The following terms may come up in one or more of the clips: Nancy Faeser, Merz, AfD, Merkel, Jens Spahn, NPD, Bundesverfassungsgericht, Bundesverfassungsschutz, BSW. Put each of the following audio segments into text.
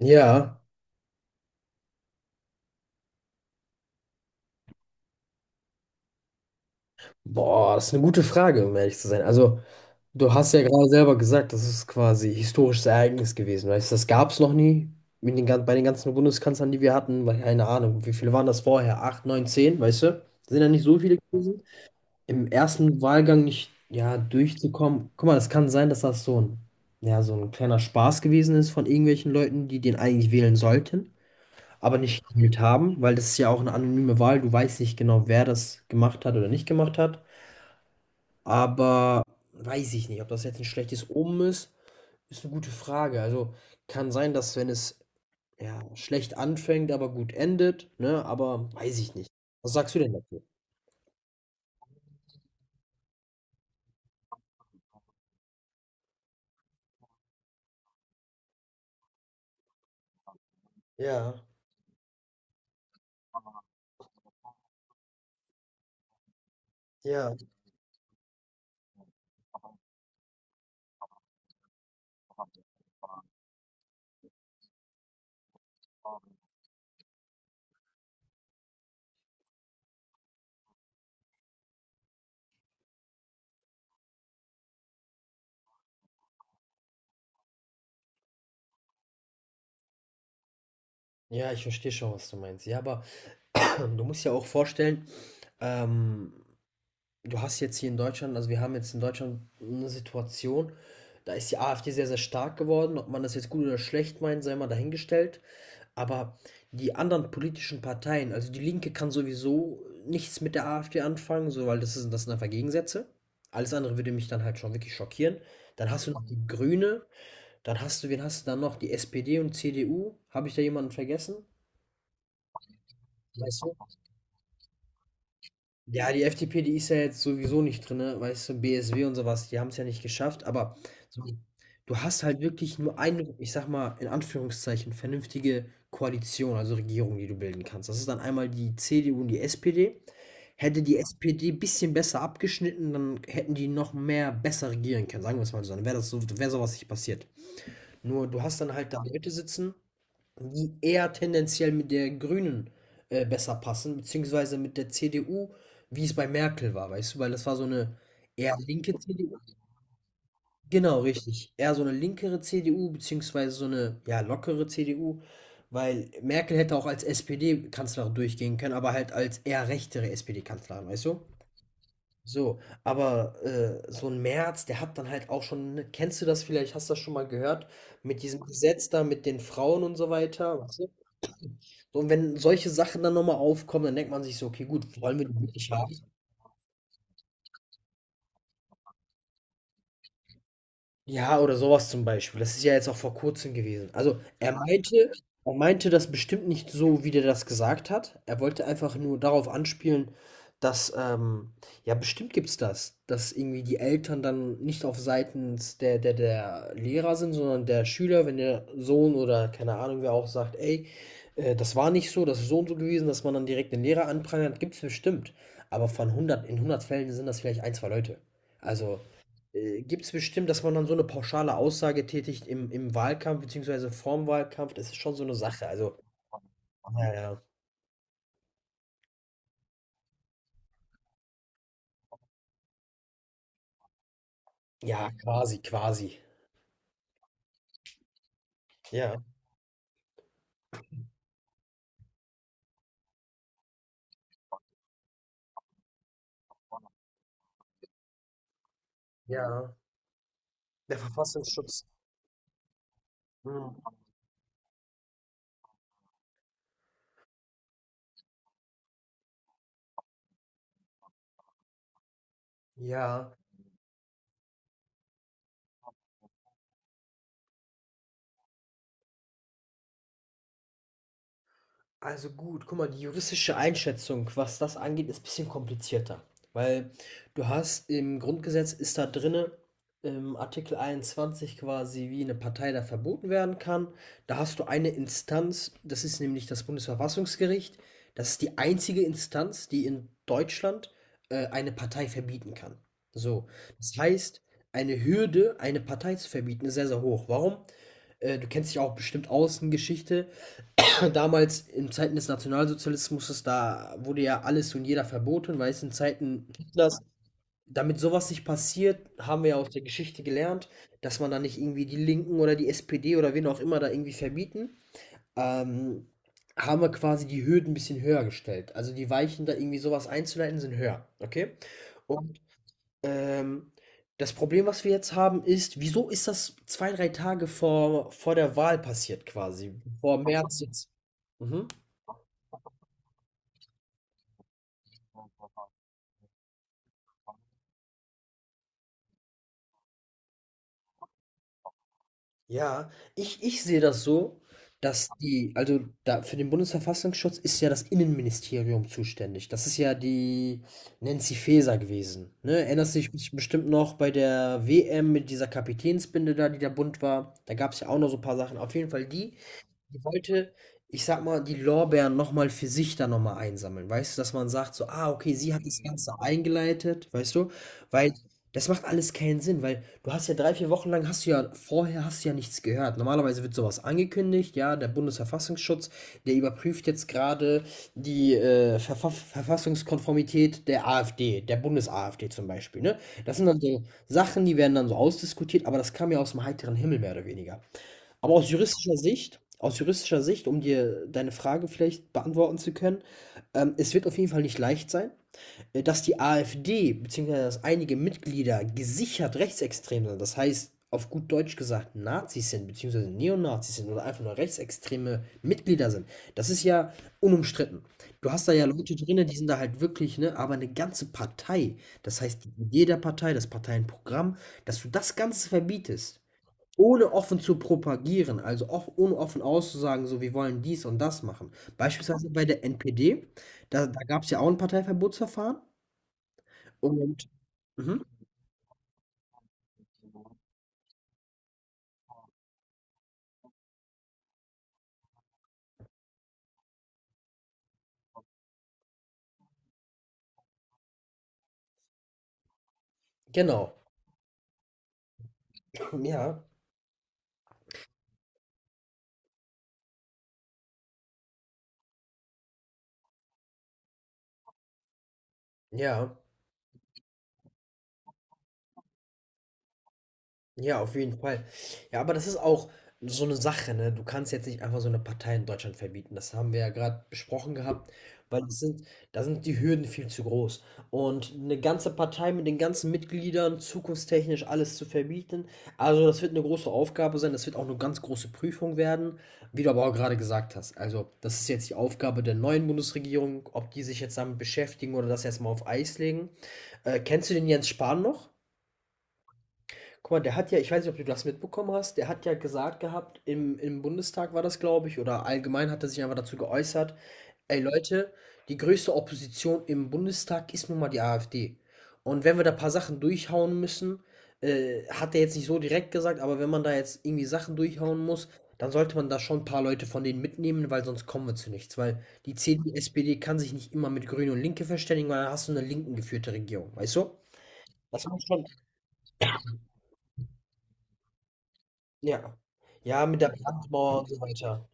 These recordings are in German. Ja, boah, das ist eine gute Frage, um ehrlich zu sein. Also, du hast ja gerade selber gesagt, das ist quasi historisches Ereignis gewesen, weißt du, das gab es noch nie mit den, bei den ganzen Bundeskanzlern, die wir hatten, weil keine Ahnung, wie viele waren das vorher? Acht, neun, zehn, weißt du? Sind ja nicht so viele gewesen. Im ersten Wahlgang nicht, ja, durchzukommen. Guck mal, es kann sein, dass das so ein, ja, so ein kleiner Spaß gewesen ist von irgendwelchen Leuten, die den eigentlich wählen sollten, aber nicht gewählt haben, weil das ist ja auch eine anonyme Wahl, du weißt nicht genau, wer das gemacht hat oder nicht gemacht hat. Aber weiß ich nicht, ob das jetzt ein schlechtes Omen ist, ist eine gute Frage. Also, kann sein, dass wenn es, ja, schlecht anfängt, aber gut endet, ne, aber weiß ich nicht. Was sagst du denn dazu? Ja, ja. Ja, ich verstehe schon, was du meinst. Ja, aber du musst ja auch vorstellen, ähm, du hast jetzt hier in Deutschland, also, wir haben jetzt in Deutschland eine Situation, da ist die AfD sehr, sehr stark geworden. Ob man das jetzt gut oder schlecht meint, sei mal dahingestellt. Aber die anderen politischen Parteien, also die Linke kann sowieso nichts mit der AfD anfangen, so, weil das ist, das sind einfach Gegensätze. Alles andere würde mich dann halt schon wirklich schockieren. Dann hast du noch die Grüne, dann hast du, wen hast du dann noch? Die SPD und CDU. Habe ich da jemanden vergessen? Weiß Ja, die FDP, die ist ja jetzt sowieso nicht drin, ne? Weißt du, BSW und sowas, die haben es ja nicht geschafft, aber so, du hast halt wirklich nur eine, ich sag mal, in Anführungszeichen, vernünftige Koalition, also Regierung, die du bilden kannst. Das ist dann einmal die CDU und die SPD. Hätte die SPD ein bisschen besser abgeschnitten, dann hätten die noch mehr besser regieren können, sagen wir es mal so. Dann wäre das so, wäre sowas nicht passiert. Nur du hast dann halt da Leute sitzen, die eher tendenziell mit der Grünen besser passen, beziehungsweise mit der CDU, wie es bei Merkel war, weißt du, weil das war so eine eher linke CDU. Genau, richtig. Eher so eine linkere CDU, beziehungsweise so eine, ja, lockere CDU, weil Merkel hätte auch als SPD-Kanzlerin durchgehen können, aber halt als eher rechtere SPD-Kanzlerin, weißt du? So, aber so ein Merz, der hat dann halt auch schon, ne, kennst du das vielleicht, hast du das schon mal gehört, mit diesem Gesetz da, mit den Frauen und so weiter, so, und wenn solche Sachen dann nochmal aufkommen, dann denkt man sich so: „Okay, gut, wollen wir die wirklich haben?“ Ja, oder sowas zum Beispiel. Das ist ja jetzt auch vor Kurzem gewesen. Also, er Ja. meinte er meinte das bestimmt nicht so, wie der das gesagt hat. Er wollte einfach nur darauf anspielen, dass, ja, bestimmt gibt's das, dass irgendwie die Eltern dann nicht auf seitens der Lehrer sind, sondern der Schüler, wenn der Sohn oder keine Ahnung wer auch sagt: „Ey, das war nicht so, das ist so und so gewesen“, dass man dann direkt den Lehrer anprangert, gibt's bestimmt. Aber von hundert in hundert Fällen sind das vielleicht ein 2 Leute. Also gibt es bestimmt, dass man dann so eine pauschale Aussage tätigt im Wahlkampf beziehungsweise vorm Wahlkampf, das ist schon so eine Sache. Also ja, ja. Ja, quasi, quasi. Ja. Ja, der Verfassungsschutz. Mhm. Ja. Also gut, guck mal, die juristische Einschätzung, was das angeht, ist ein bisschen komplizierter. Weil du hast, im Grundgesetz ist da drinne im Artikel 21 quasi, wie eine Partei da verboten werden kann. Da hast du eine Instanz, das ist nämlich das Bundesverfassungsgericht. Das ist die einzige Instanz, die in Deutschland eine Partei verbieten kann. So, das heißt, eine Hürde, eine Partei zu verbieten, ist sehr, sehr hoch. Warum? Du kennst dich auch bestimmt aus in Geschichte. Damals in Zeiten des Nationalsozialismus, ist da, wurde ja alles und jeder verboten, weil es in Zeiten Hitlers, damit sowas nicht passiert, haben wir ja aus der Geschichte gelernt, dass man da nicht irgendwie die Linken oder die SPD oder wen auch immer da irgendwie verbieten, ähm, haben wir quasi die Hürden ein bisschen höher gestellt. Also die Weichen, da irgendwie sowas einzuleiten, sind höher. Okay? Und ähm, das Problem, was wir jetzt haben, ist, wieso ist das zwei, drei Tage vor, vor der Wahl passiert quasi? Vor März jetzt. Mhm. Ja, ich sehe das so, dass die, also da, für den Bundesverfassungsschutz ist ja das Innenministerium zuständig. Das ist ja die Nancy Faeser gewesen. Ne? Erinnerst du dich bestimmt noch bei der WM mit dieser Kapitänsbinde da, die da bunt war? Da gab es ja auch noch so ein paar Sachen. Auf jeden Fall die wollte, ich sag mal, die Lorbeeren noch mal für sich dann noch mal einsammeln, weißt du? Dass man sagt so: „Ah, okay, sie hat das Mhm. Ganze eingeleitet“, weißt du? Weil das macht alles keinen Sinn, weil du hast ja 3 4 Wochen lang, hast du ja vorher, hast du ja nichts gehört. Normalerweise wird sowas angekündigt, ja, der Bundesverfassungsschutz, der überprüft jetzt gerade die, Verfassungskonformität der AfD, der Bundes-AfD zum Beispiel, ne? Das sind dann so Sachen, die werden dann so ausdiskutiert, aber das kam ja aus dem heiteren Himmel mehr oder weniger. Aber aus juristischer Sicht, um dir deine Frage vielleicht beantworten zu können, es wird auf jeden Fall nicht leicht sein, dass die AfD beziehungsweise dass einige Mitglieder gesichert rechtsextrem sind. Das heißt, auf gut Deutsch gesagt, Nazis sind, beziehungsweise Neonazis sind oder einfach nur rechtsextreme Mitglieder sind. Das ist ja unumstritten. Du hast da ja Leute drin, die sind da halt wirklich, ne, aber eine ganze Partei, das heißt die Idee der Partei, das Parteienprogramm, dass du das Ganze verbietest, ohne offen zu propagieren, also auch ohne offen auszusagen, so: wir wollen dies und das machen. Beispielsweise bei der NPD, da gab es ja auch ein Parteiverbotsverfahren, und mhm, genau, ja, ja. Ja, auf jeden Fall. Ja, aber das ist auch so eine Sache, ne? Du kannst jetzt nicht einfach so eine Partei in Deutschland verbieten. Das haben wir ja gerade besprochen gehabt, weil es sind, da sind die Hürden viel zu groß. Und eine ganze Partei mit den ganzen Mitgliedern zukunftstechnisch alles zu verbieten, also, das wird eine große Aufgabe sein. Das wird auch eine ganz große Prüfung werden, wie du aber auch gerade gesagt hast. Also, das ist jetzt die Aufgabe der neuen Bundesregierung, ob die sich jetzt damit beschäftigen oder das erstmal auf Eis legen. Kennst du den Jens Spahn noch? Guck mal, der hat ja, ich weiß nicht, ob du das mitbekommen hast, der hat ja gesagt gehabt, im Bundestag war das, glaube ich, oder allgemein hat er sich einfach dazu geäußert: „Ey Leute, die größte Opposition im Bundestag ist nun mal die AfD. Und wenn wir da ein paar Sachen durchhauen müssen“, hat er jetzt nicht so direkt gesagt, aber wenn man da jetzt irgendwie Sachen durchhauen muss, dann sollte man da schon ein paar Leute von denen mitnehmen, weil sonst kommen wir zu nichts. Weil die CDU, SPD kann sich nicht immer mit Grüne und Linke verständigen, weil dann hast du eine linken geführte Regierung, weißt du? Das muss schon. Ja. Ja, mit der Brandmauer und so weiter.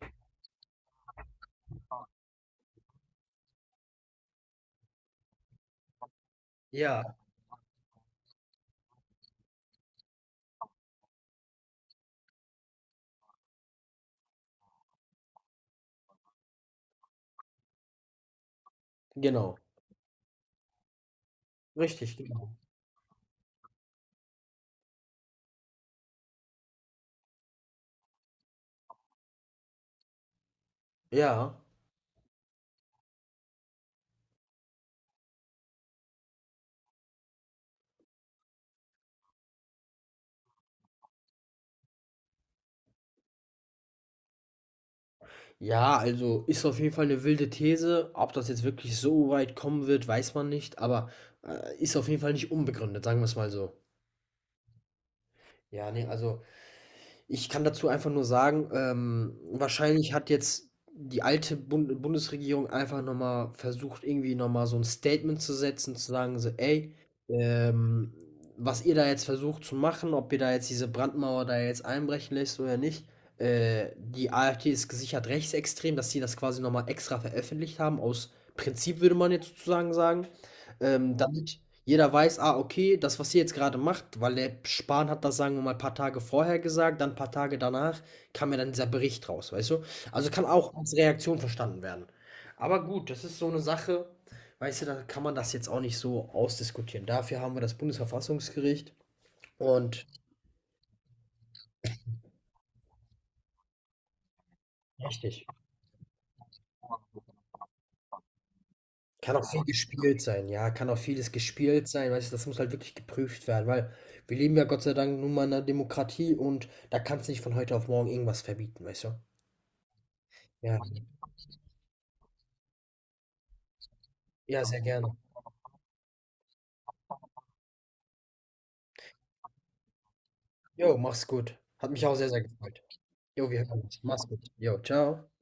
Ja, genau. Richtig, genau. Ja. Ja, also ist auf jeden Fall eine wilde These. Ob das jetzt wirklich so weit kommen wird, weiß man nicht, aber, ist auf jeden Fall nicht unbegründet, sagen wir es mal so. Ja, ne, also ich kann dazu einfach nur sagen, wahrscheinlich hat jetzt die alte Bundesregierung einfach nochmal versucht, irgendwie nochmal so ein Statement zu setzen, zu sagen so: „Ey, ähm, was ihr da jetzt versucht zu machen, ob ihr da jetzt diese Brandmauer da jetzt einbrechen lässt oder nicht, die AfD ist gesichert rechtsextrem“, dass sie das quasi nochmal extra veröffentlicht haben, aus Prinzip würde man jetzt sozusagen sagen, damit jeder weiß, ah, okay, das, was ihr jetzt gerade macht, weil der Spahn hat das, sagen wir mal, ein paar Tage vorher gesagt, dann ein paar Tage danach kam ja dann dieser Bericht raus, weißt du? Also kann auch als Reaktion verstanden werden. Aber gut, das ist so eine Sache, weißt du, da kann man das jetzt auch nicht so ausdiskutieren. Dafür haben wir das Bundesverfassungsgericht. Und richtig. Kann auch viel gespielt sein, ja, kann auch vieles gespielt sein, weißt du, das muss halt wirklich geprüft werden, weil wir leben ja Gott sei Dank nun mal in einer Demokratie und da kannst du nicht von heute auf morgen irgendwas verbieten, weißt du? Ja. Ja, sehr gerne. Jo, mach's gut. Hat mich auch sehr, sehr gefreut. Jo, wir hören uns. Mach's gut. Jo, ciao.